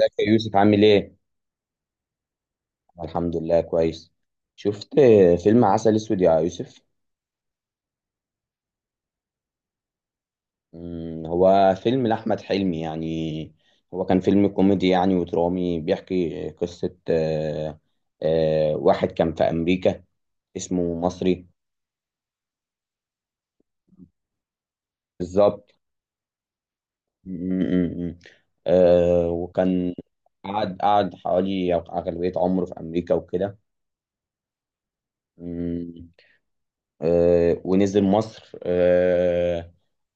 ازيك يا يوسف؟ عامل ايه؟ أنا الحمد لله كويس. شفت فيلم عسل اسود يا يوسف؟ هو فيلم لأحمد حلمي يعني. هو كان فيلم كوميدي يعني ودرامي بيحكي قصة واحد كان في أمريكا اسمه مصري. بالظبط. مم، مم، مم. وكان قعد حوالي أغلبية عمره في أمريكا وكده. مم. ونزل مصر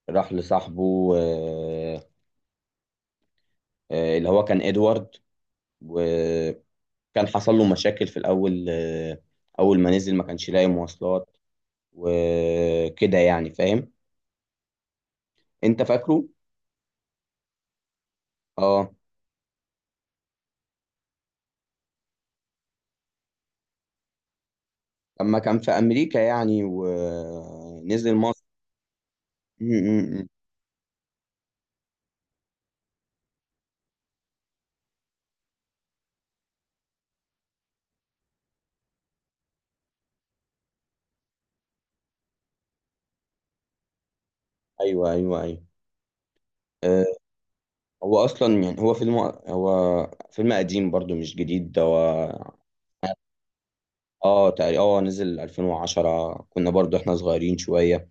راح لصاحبه اللي هو كان ادوارد. وكان حصل له مشاكل في الاول اول ما نزل ما كانش لاقي مواصلات وكده يعني فاهم. انت فاكره؟ اه. لما كان في امريكا يعني ونزل مصر. م- م- م. ايوه ايوه ايوه. آه، هو اصلا يعني هو فيلم. هو فيلم قديم برضو مش جديد ده هو. اه تقريبا نزل 2010، كنا برضو احنا صغيرين شوية.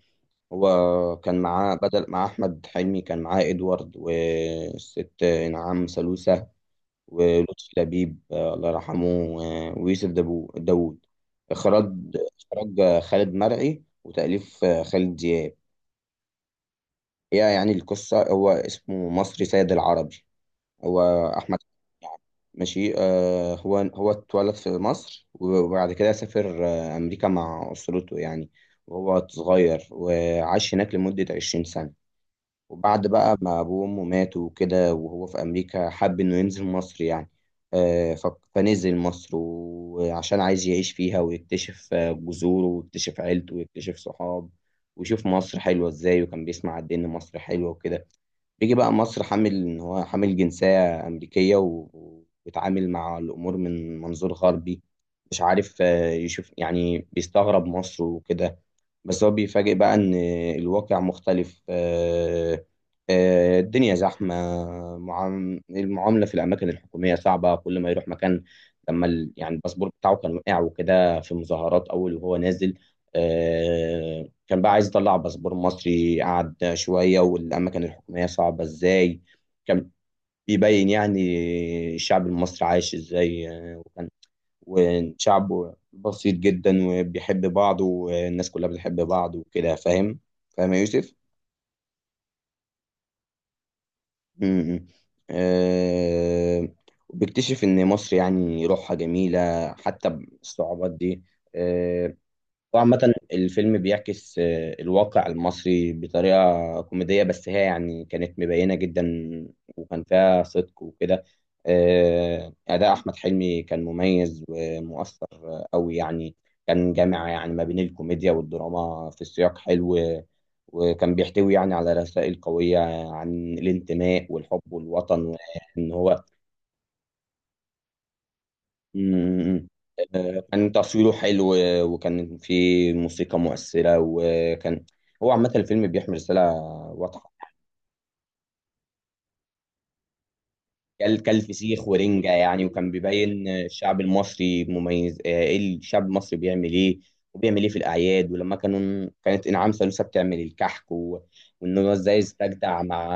هو كان معاه بدل مع أحمد حلمي، كان معاه إدوارد والست نعام سلوسة ولطفي لبيب الله يرحمه. ويوسف داوود. إخراج إخراج خالد مرعي وتأليف خالد دياب. هي يعني القصة هو اسمه مصري سيد العربي. هو أحمد يعني ماشي هو اتولد في مصر وبعد كده سافر أمريكا مع أسرته يعني وهو صغير وعاش هناك لمدة 20 سنة. وبعد بقى ما أبوه وأمه ماتوا وكده وهو في أمريكا حب إنه ينزل مصر يعني. آه، ف- فنزل مصر وعشان عايز يعيش فيها ويكتشف جذوره ويكتشف عيلته ويكتشف صحاب ويشوف مصر حلوة إزاي. وكان بيسمع قد إيه إن مصر حلوة وكده. بيجي بقى مصر حامل ان هو حامل جنسية أمريكية وبيتعامل مع الأمور من منظور غربي. مش عارف يشوف يعني بيستغرب مصر وكده. بس هو بيفاجئ بقى إن الواقع مختلف الدنيا زحمة. المعاملة في الأماكن الحكومية صعبة كل ما يروح مكان. لما يعني الباسبور بتاعه كان وقع وكده في مظاهرات أول وهو نازل آه، كان بقى عايز يطلع باسبور مصري. قعد شوية والأماكن الحكومية صعبة إزاي. كان بيبين يعني الشعب المصري عايش إزاي وكان وشعب بسيط جدا وبيحب بعض والناس كلها بتحب بعض وكده فاهم. فاهم يا يوسف؟ امم. أه. وبيكتشف إن مصر يعني روحها جميلة حتى بالصعوبات دي. آه، وعامة الفيلم بيعكس الواقع المصري بطريقة كوميدية بس هي يعني كانت مبينة جدا وكان فيها صدق وكده. أداء أحمد حلمي كان مميز ومؤثر أوي يعني. كان جامع يعني ما بين الكوميديا والدراما في سياق حلو وكان بيحتوي يعني على رسائل قوية عن الانتماء والحب والوطن وإن هو. مم. كان تصويره حلو وكان في موسيقى مؤثرة. وكان هو عامة الفيلم بيحمل رسالة واضحة. كل فسيخ ورنجة يعني. وكان بيبين الشعب المصري مميز ايه الشعب المصري بيعمل ايه وبيعمل ايه في الأعياد ولما كانوا كانت إنعام سالوسة بتعمل الكحك. و... وإن هو إزاي استجدع مع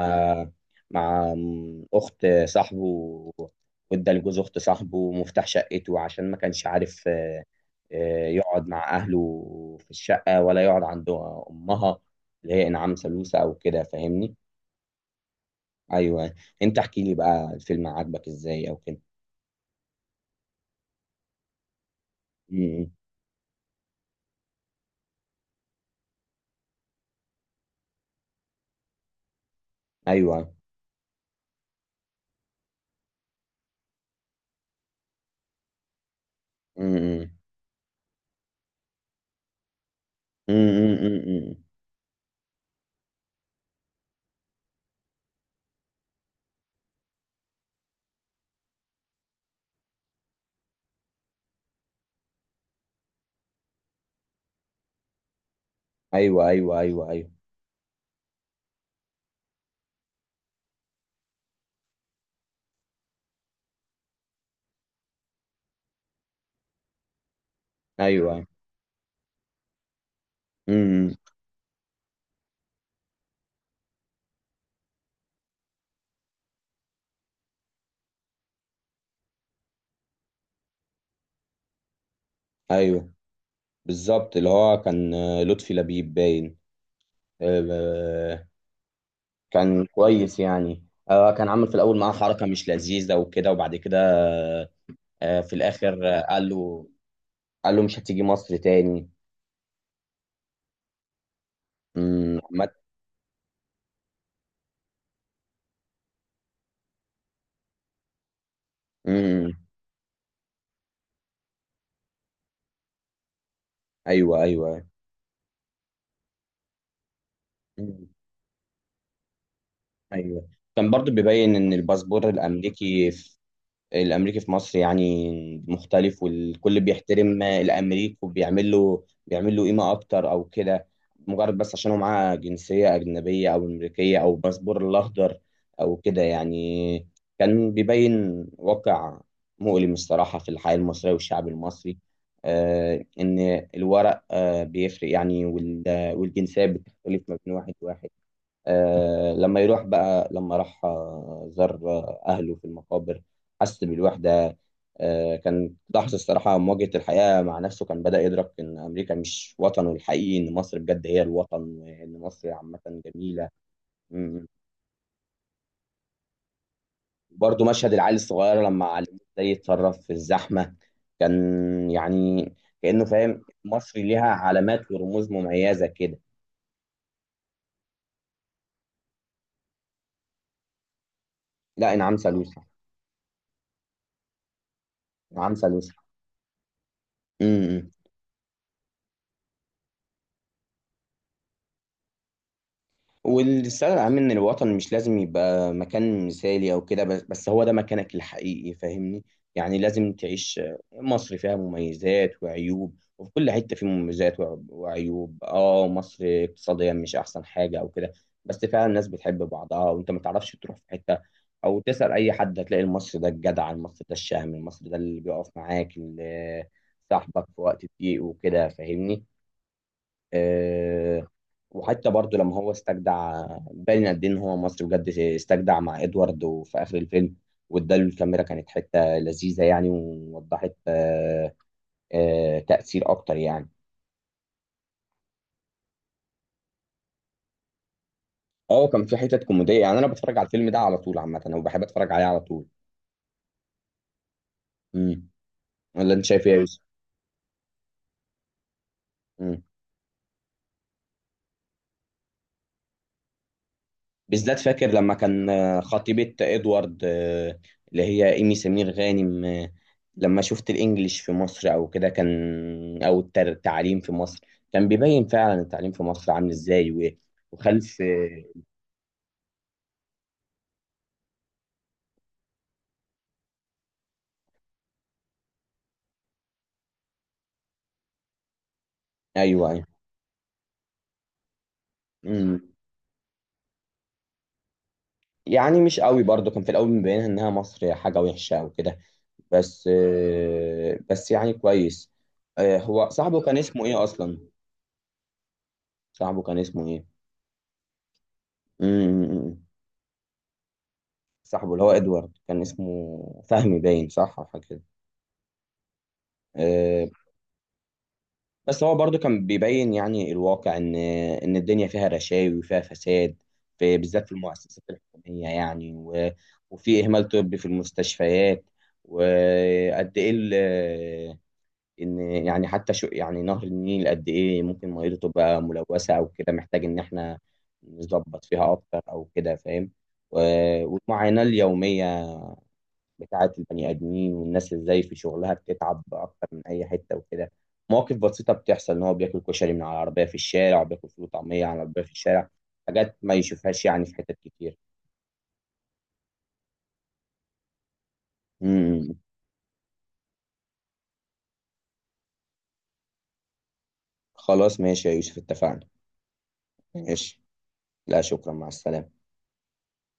مع أخت صاحبه. وادى لجوز أخت صاحبه مفتاح شقته عشان ما كانش عارف يقعد مع أهله في الشقة ولا يقعد عند أمها اللي هي إنعام سالوسة أو كده. فاهمني؟ أيوه. أنت احكي لي بقى الفيلم عاجبك إزاي أو كده. امم. ايوه. امم. امم. ايوه ايوه ايوه ايوه ايوه. امم. ايوه. بالظبط اللي هو كان لطفي لبيب باين. آه، كان كويس يعني. كان عامل في الاول معاه حركه مش لذيذه وكده. وبعد كده في الاخر قال له مش هتيجي مصر تاني. امم. امم ايوه ايوه. امم ايوه. كان برضو بيبين ان الباسبور الامريكي في مصر يعني مختلف. والكل بيحترم الامريكي وبيعمل له بيعمل له قيمه اكتر او كده. مجرد بس عشان هو معاه جنسيه اجنبيه او امريكيه او الباسبور الاخضر او كده يعني. كان بيبين واقع مؤلم الصراحه في الحياه المصريه والشعب المصري. ان الورق بيفرق يعني والجنسيه بتختلف ما بين واحد واحد. لما يروح بقى لما راح زار أهله في المقابر حس بالوحدة. كان لحظة الصراحة مواجهة الحياة مع نفسه. كان بدأ يدرك إن أمريكا مش وطنه الحقيقي. إن مصر بجد هي الوطن وإن مصر عامة جميلة. مم. برضه مشهد العيل الصغير لما علموه إزاي يتصرف في الزحمة. كان يعني كأنه فاهم مصر ليها علامات ورموز مميزة كده. لا إنعام سالوسة. إنعام سالوسة. مم. والثانوي العام ان الوطن مش لازم يبقى مكان مثالي او كده. بس هو ده مكانك الحقيقي فاهمني. يعني لازم تعيش. مصر فيها مميزات وعيوب وفي كل حتة فيه مميزات وعيوب. اه مصر اقتصاديا مش احسن حاجة او كده. بس فعلا الناس بتحب بعضها. وانت ما تعرفش تروح في حتة او تسأل اي حد هتلاقي المصري ده الجدع المصري ده الشهم المصري ده اللي بيقف معاك اللي صاحبك في وقت الضيق وكده فاهمني. آه، وحتى برضو لما هو استجدع باين قد ايه ان هو مصري بجد. استجدع مع ادوارد وفي اخر الفيلم واداله الكاميرا كانت حته لذيذه يعني. ووضحت تاثير اكتر يعني. اه كان في حتت كوميديه يعني. انا بتفرج على الفيلم ده على طول عامه وبحب اتفرج عليه على طول. امم. ولا انت شايف ايه يا يوسف؟ بالذات فاكر لما كان خطيبة ادوارد اللي هي ايمي سمير غانم لما شفت الانجليش في مصر او كده كان. او التعليم في مصر كان بيبين فعلا التعليم في مصر عامل ازاي وخلف ايوه ايوه. أمم. يعني مش قوي برضه كان في الاول مبينها انها مصر حاجة وحشة او كده. بس يعني كويس. هو صاحبه كان اسمه ايه اصلا؟ صاحبه كان اسمه ايه؟ أمم. صاحبه اللي هو ادوارد كان اسمه فهمي باين صح او حاجه كده. آه، بس هو برضو كان بيبين يعني الواقع ان الدنيا فيها رشاوي وفيها فساد في بالذات في المؤسسات الحكوميه يعني وفي اهمال طبي في المستشفيات. وقد ايه ان يعني حتى شو يعني نهر النيل قد ايه ممكن ميته تبقى ملوثه او كده محتاج ان احنا نظبط فيها اكتر او كده فاهم. و- والمعاناه اليوميه بتاعة البني آدمين والناس ازاي في شغلها بتتعب أكتر من أي حتة وكده. مواقف بسيطة بتحصل إن هو بياكل كشري من على العربية في الشارع وبياكل فول وطعمية على العربية في الشارع. حاجات ما يشوفهاش يعني في حتت كتير. امم. خلاص ماشي يا يوسف اتفقنا. ماشي. لا شكرا، مع السلامة.